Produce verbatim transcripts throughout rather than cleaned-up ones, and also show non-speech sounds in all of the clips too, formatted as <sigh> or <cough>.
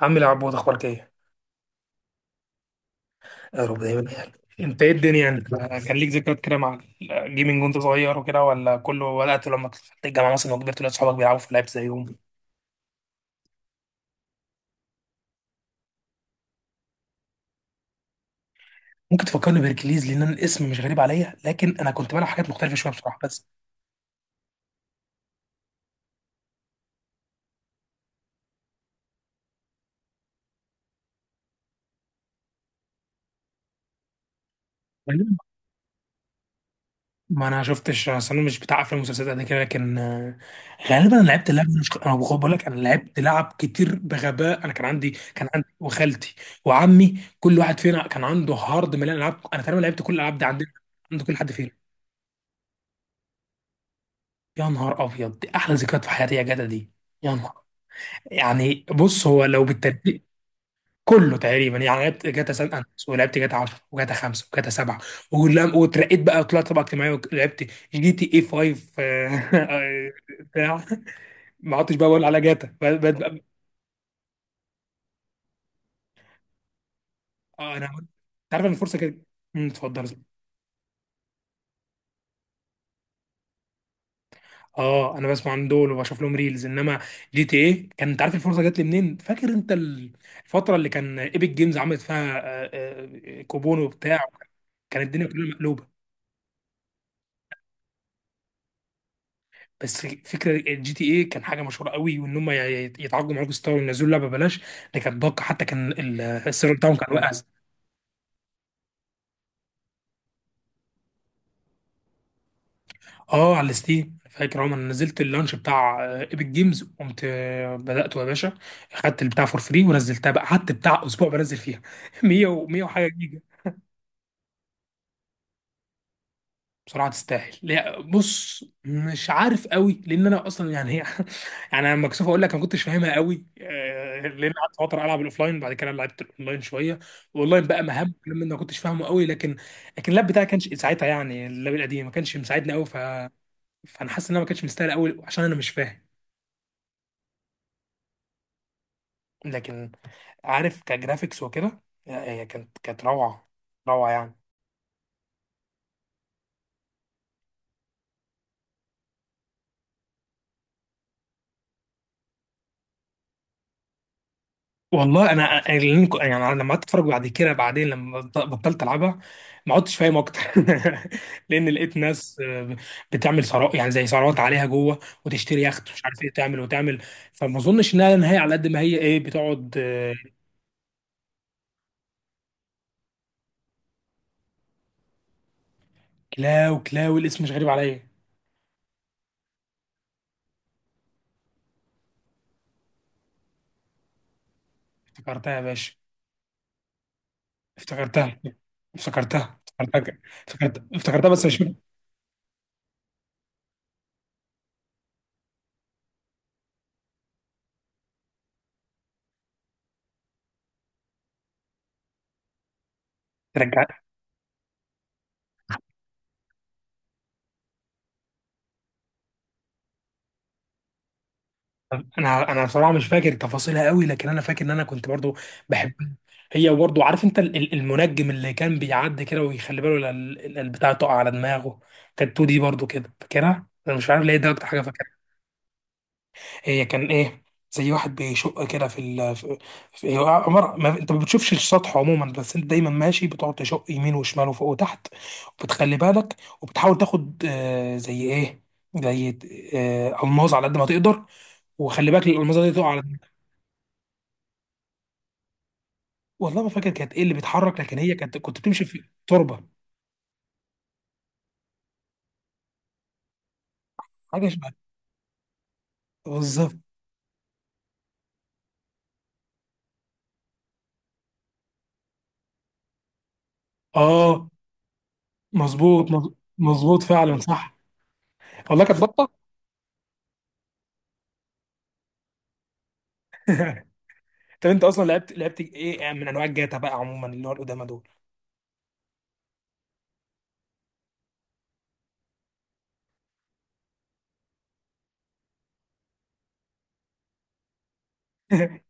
عم العبود، اخبارك ايه؟ يا رب دايما يعني. انت ايه الدنيا يعني؟ كان ليك ذكريات كده مع الجيمنج وانت صغير وكده، ولا كله بدأت لما دخلت الجامعه مثلا وكبرت ولاد صحابك بيلعبوا في لعب زيهم؟ ممكن تفكرني بهركليز، لان أنا الاسم مش غريب عليا لكن انا كنت بلعب حاجات مختلفه شويه بصراحه، بس غالبا ما انا شفتش، اصل انا مش بتاع افلام ومسلسلات قد كده. لكن آه، غالبا انا لعبت اللعب. مش انا بقول بقول لك انا لعبت لعب كتير بغباء، انا كان عندي كان عندي وخالتي وعمي، كل واحد فينا كان عنده هارد مليان العاب، انا تقريبا لعبت كل الالعاب دي عندنا عند كل حد فينا. يا نهار ابيض، دي احلى ذكريات في حياتي يا جدع، دي يا نهار. يعني بص، هو لو بالترتيب كله تقريبا، يعني لعبت جاتا سان اندريس ولعبت جاتا عشرة وجاتا خمسة وجاتا سبعة. ولم- واترقيت بقى وطلعت طبقه اجتماعيه ولعبت جي تي اي خمسة، آه، <laughs> بتاع. ما عدتش بقى بقول على جاتا ب- ب- ب- آه، انا عملت- انت عارف ان الفرصه كده. مم، اتفضل. اه انا بسمع عن دول وبشوف لهم ريلز، انما جي تي ايه، كان انت عارف الفرصه جات لي منين؟ فاكر انت ال- الفتره اللي كان ايبك جيمز عملت فيها آه، آه، كوبون وبتاع؟ كانت الدنيا كلها مقلوبه. بس فكره الجي تي ايه كان حاجه مشهوره قوي، وان هم ي- ي- يتعاقدوا مع روك ستار وينزلوا لعبه ببلاش، دي كانت باقه. حتى كان ال- السيرفر بتاعهم كان واقع. اه على الستيم. فاكر عمر أنا نزلت اللانش بتاع آه، ايبك جيمز، قمت آه، بداته يا باشا، خدت البتاع فور فري ونزلتها بقى، قعدت بتاع اسبوع بنزل فيها <laughs> ميه و100 وحاجه جيجا. بصراحه تستاهل. لا، بص مش عارف قوي، لان انا اصلا يعني هي <laughs> يعني انا مكسوف اقول لك انا ما كنتش فاهمها قوي، آه، لان قعدت فتره العب الاوفلاين بعد كده لعبت الاونلاين شويه. والاونلاين بقى مهم، لما انا ما كنتش فاهمه قوي. لكن لكن اللاب بتاعي كانش ساعتها، يعني اللاب القديم ما كانش مساعدني قوي ف... فانا حاسس ان انا ما كانش مستاهل قوي عشان انا مش فاهم. لكن عارف كجرافيكس وكده، لا، هي كانت كانت روعه، روعه يعني. والله انا أنا- اللي أنا- يعني أنا لما قعدت اتفرج بعد كده، بعدين لما بط- بطلت العبها ما عدتش فاهم اكتر. <laughs> لان لقيت ناس آه، بتعمل ثروات، يعني زي ثروات عليها جوه، وتشتري يخت، ومش عارف ايه تعمل وتعمل. فما اظنش انها نهايه على قد ما هي ايه، بتقعد آه، كلاو. كلاو الاسم مش غريب عليا. افتكرتها يا باشا، افتكرتها افتكرتها افتكرتها افتكرتها افتكرتها، بس مش فاكر. رجع. انا انا بصراحه مش فاكر تفاصيلها قوي، لكن انا فاكر ان انا كنت برضو بحبها. هي برضه، عارف انت ال- ال- المنجم اللي كان بيعدي كده ويخلي باله لا ال- ال- البتاع تقع على دماغه؟ كانت اتنين دي برضه، كده فاكرها، انا مش عارف ليه ده اكتر حاجه فاكرها. هي كان ايه؟ زي واحد بيشق كده في ال في في- هو عمر ما انت ما بتشوفش السطح عموما، بس انت دايما ماشي بتقعد تشق يمين وشمال وفوق وتحت وبتخلي بالك، وبتحاول تاخد آه، زي ايه، زي آه، الماظ على قد ما تقدر، وخلي بالك الالماظه دي تقع على دماغك. والله ما فاكر كانت ايه اللي بيتحرك، لكن هي كانت كنت بتمشي في تربه. حاجه بالظبط. اه مظبوط، مظ- مظبوط فعلا صح. والله كانت بطه. <laughs> طب انت اصلا لعبت لعبت ايه من انواع الجاتا بقى عموما، اللي هو القدامى دول؟ <laughs>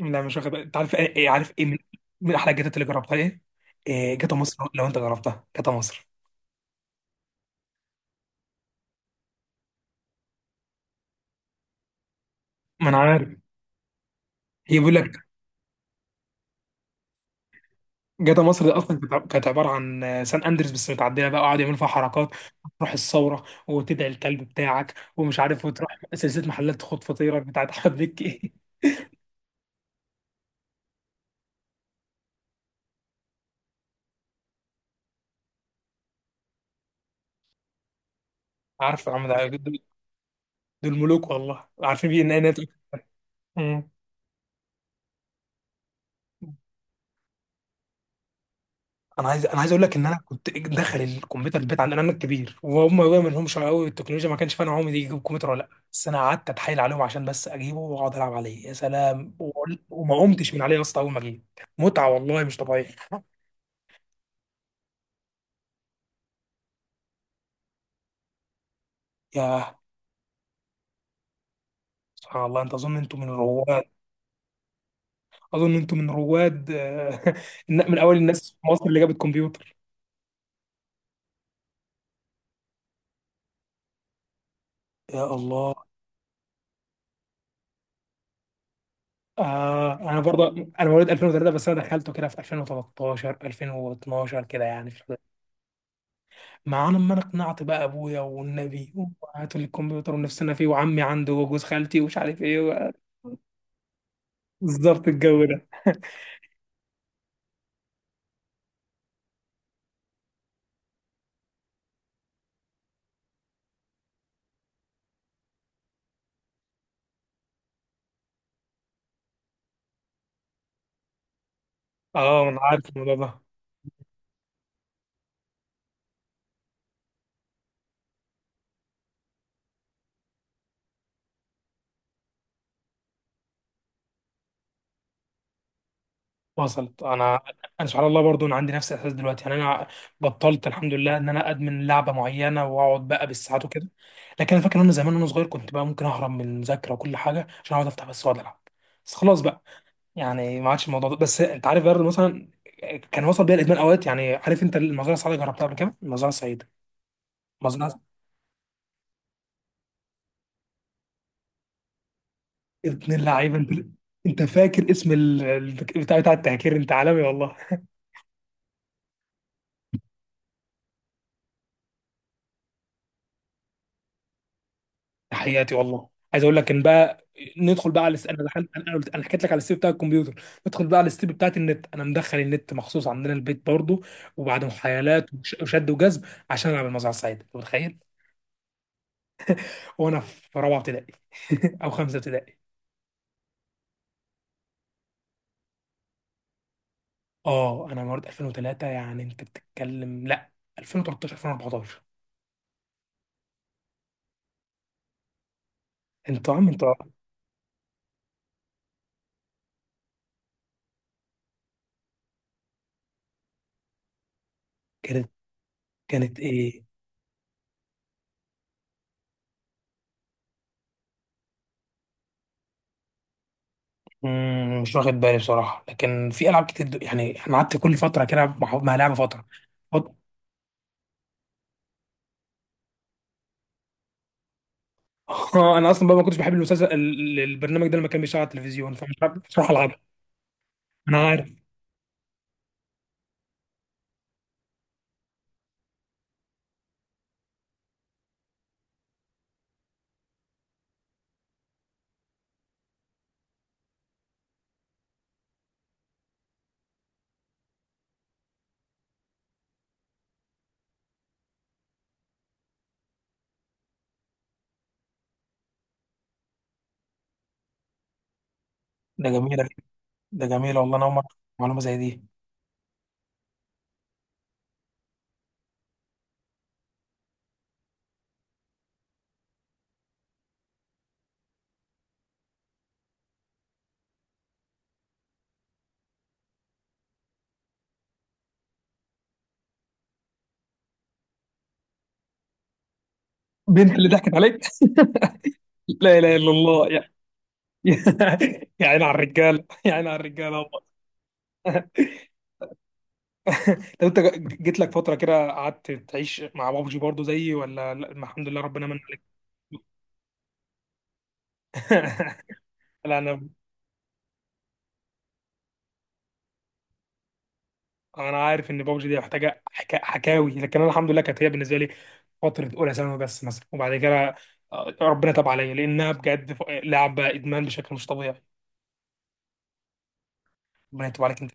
لا مش واخد بالي. انت عارف ايه، ايه- عارف ايه من, من احلى الجاتات اللي جربتها ايه؟ إيه جاتا مصر، لو لو انت جربتها جاتا مصر. ما انا عارف، هي بيقول لك جاتا مصر دي اصلا كانت عب- كانت عباره عن آه، سان اندريس بس متعدله بقى، وقعد يعمل فيها حركات. تروح الثوره وتدعي الكلب بتاعك ومش عارف، وتروح سلسله محلات خد فطيرك بتاعت احمد مكي. <laughs> عارف يا عم ده؟ دول ملوك والله، عارفين بيه ان انا. مم. انا عايز انا عايز اقول لك ان انا كنت داخل الكمبيوتر البيت عندنا، انا الكبير وهم بقى ما لهمش قوي التكنولوجيا، ما كانش فاهم هم دي يجيبوا كمبيوتر ولا لا، بس انا قعدت اتحايل عليهم عشان بس اجيبه واقعد العب عليه. يا سلام، وقل- وما قمتش من عليه يا اسطى اول ما جه، متعه والله مش طبيعيه. يا سبحان الله، انت اظن انتوا من رواد، اظن انتوا من رواد آه، <laughs> من اول الناس في مصر اللي جابت كمبيوتر. يا الله. آه انا برضه، انا مواليد ألفين وتلاته، بس انا دخلته كده في ألفين وتلتاشر ألفين واتناشر كده، يعني في، مع لما انا اقنعت بقى ابويا والنبي وهاتوا لي الكمبيوتر ونفسنا فيه، وعمي عنده، وجوز خالتي، ومش عارف ايه و- بالظبط الجو ده. <laughs> اه انا عارف الموضوع ده، وصلت انا. انا سبحان الله برضو، انا عندي نفس الاحساس دلوقتي، يعني انا بطلت، الحمد لله، ان انا ادمن لعبه معينه واقعد بقى بالساعات وكده. لكن انا فاكر ان انا زمان وانا صغير كنت بقى ممكن اهرب من المذاكره وكل حاجه عشان اقعد افتح بس واقعد العب. بس خلاص بقى، يعني ما عادش الموضوع ده. بس انت عارف برضه مثلا، كان وصل بيها الادمان اوقات، يعني عارف انت المزرعه السعيده؟ جربتها قبل كده، المزرعه السعيده؟ مزرعه، ابن اللعيبه انت. انت فاكر اسم ال- ال- بتاع بتاع التهكير؟ انت عالمي والله، تحياتي. والله عايز اقول لك ان بقى ندخل بقى على الس- انا دخلت انا أنا قلت- أنا حكيت لك على الستيب بتاع الكمبيوتر، ندخل بقى على الستيب بتاعت النت. انا مدخل النت مخصوص عندنا البيت برضه، وبعد محايلات وش- وشد وجذب، عشان العب المزرعه السعيده. انت متخيل؟ وانا في رابعه ابتدائي <laughs> او خمسه ابتدائي. اه انا مواليد ألفين وثلاثة، يعني انت بتتكلم، لا ألفين وتلتاشر ألفين واربعتاشر، انت يا عم انت. كانت كانت ايه؟ مم، مش واخد بالي بصراحه، لكن في العاب كتير دو- يعني انا قعدت كل فتره كده مع مع لعبه فتره. فط- <laughs> اه انا اصلا بقى ما كنتش بحب المسلسل ال- ال- البرنامج ده لما كان بيشتغل على التلفزيون، فمش عارف بصراحه العبها. انا عارف. ده جميله، ده جميله والله، انا اول مره أعرف معلومه زي دي. بنت اللي ضحكت عليك؟ <laughs> لا اله الا الله يا. <laughs> يا عيني على الرجاله، يا عيني على الرجاله والله. طب انت ج- جيت لك فتره كده قعدت تعيش مع بابجي برضو زيي ولا لا، الحمد لله ربنا من عليك؟ <laughs> لا انا، انا عارف ان بابجي دي محتاجه حكا... حكاوي، لكن انا الحمد لله كانت هي بالنسبه لي فتره اولى ثانوي بس مثلا، وبعد كده آه، ربنا تاب عليا، لانها بجد ف- لعبه ادمان بشكل مش طبيعي. ربنا يتوب عليك انت.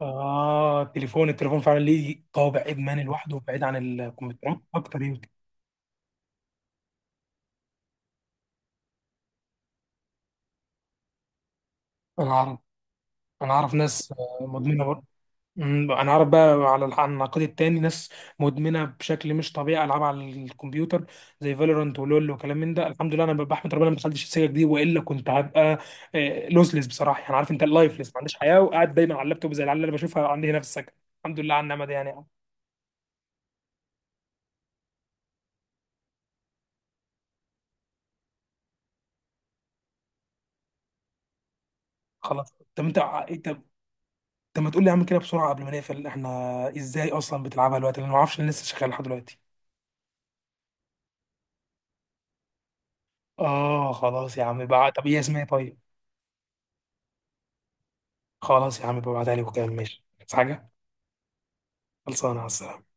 اه التليفون، التليفون فعلا ليه طابع ادمان لوحده، بعيد عن الكمبيوتر، اكتر يمكن. انا اعرف انا اعرف ناس آه، مدمنه. مم، انا عارف بقى، على الح- على النقيض التاني، ناس مدمنه بشكل مش طبيعي العاب على الكمبيوتر، زي فالورانت ولول وكلام من ده. الحمد لله انا بحمد ربنا ما دخلتش السكه دي، والا كنت هبقى لوسلس بصراحه، يعني عارف انت اللايفلس، ما عنديش حياه وقاعد دايما على اللابتوب زي العيال اللي انا بشوفها عندي هنا في السكن. الحمد لله على النعمه دي يعني. خلاص، طب انت ع- انت، طب ما تقول لي يا عم كده بسرعه قبل ما نقفل احنا، ازاي اصلا بتلعبها دلوقتي؟ لان ما اعرفش انا لسه شغال لحد دلوقتي. اه خلاص يا عم بقى، طب ايه اسمها إيه طيب؟ خلاص يا عم، ببعتها لي وكده ماشي. بس حاجه، خلصانه على السلامة.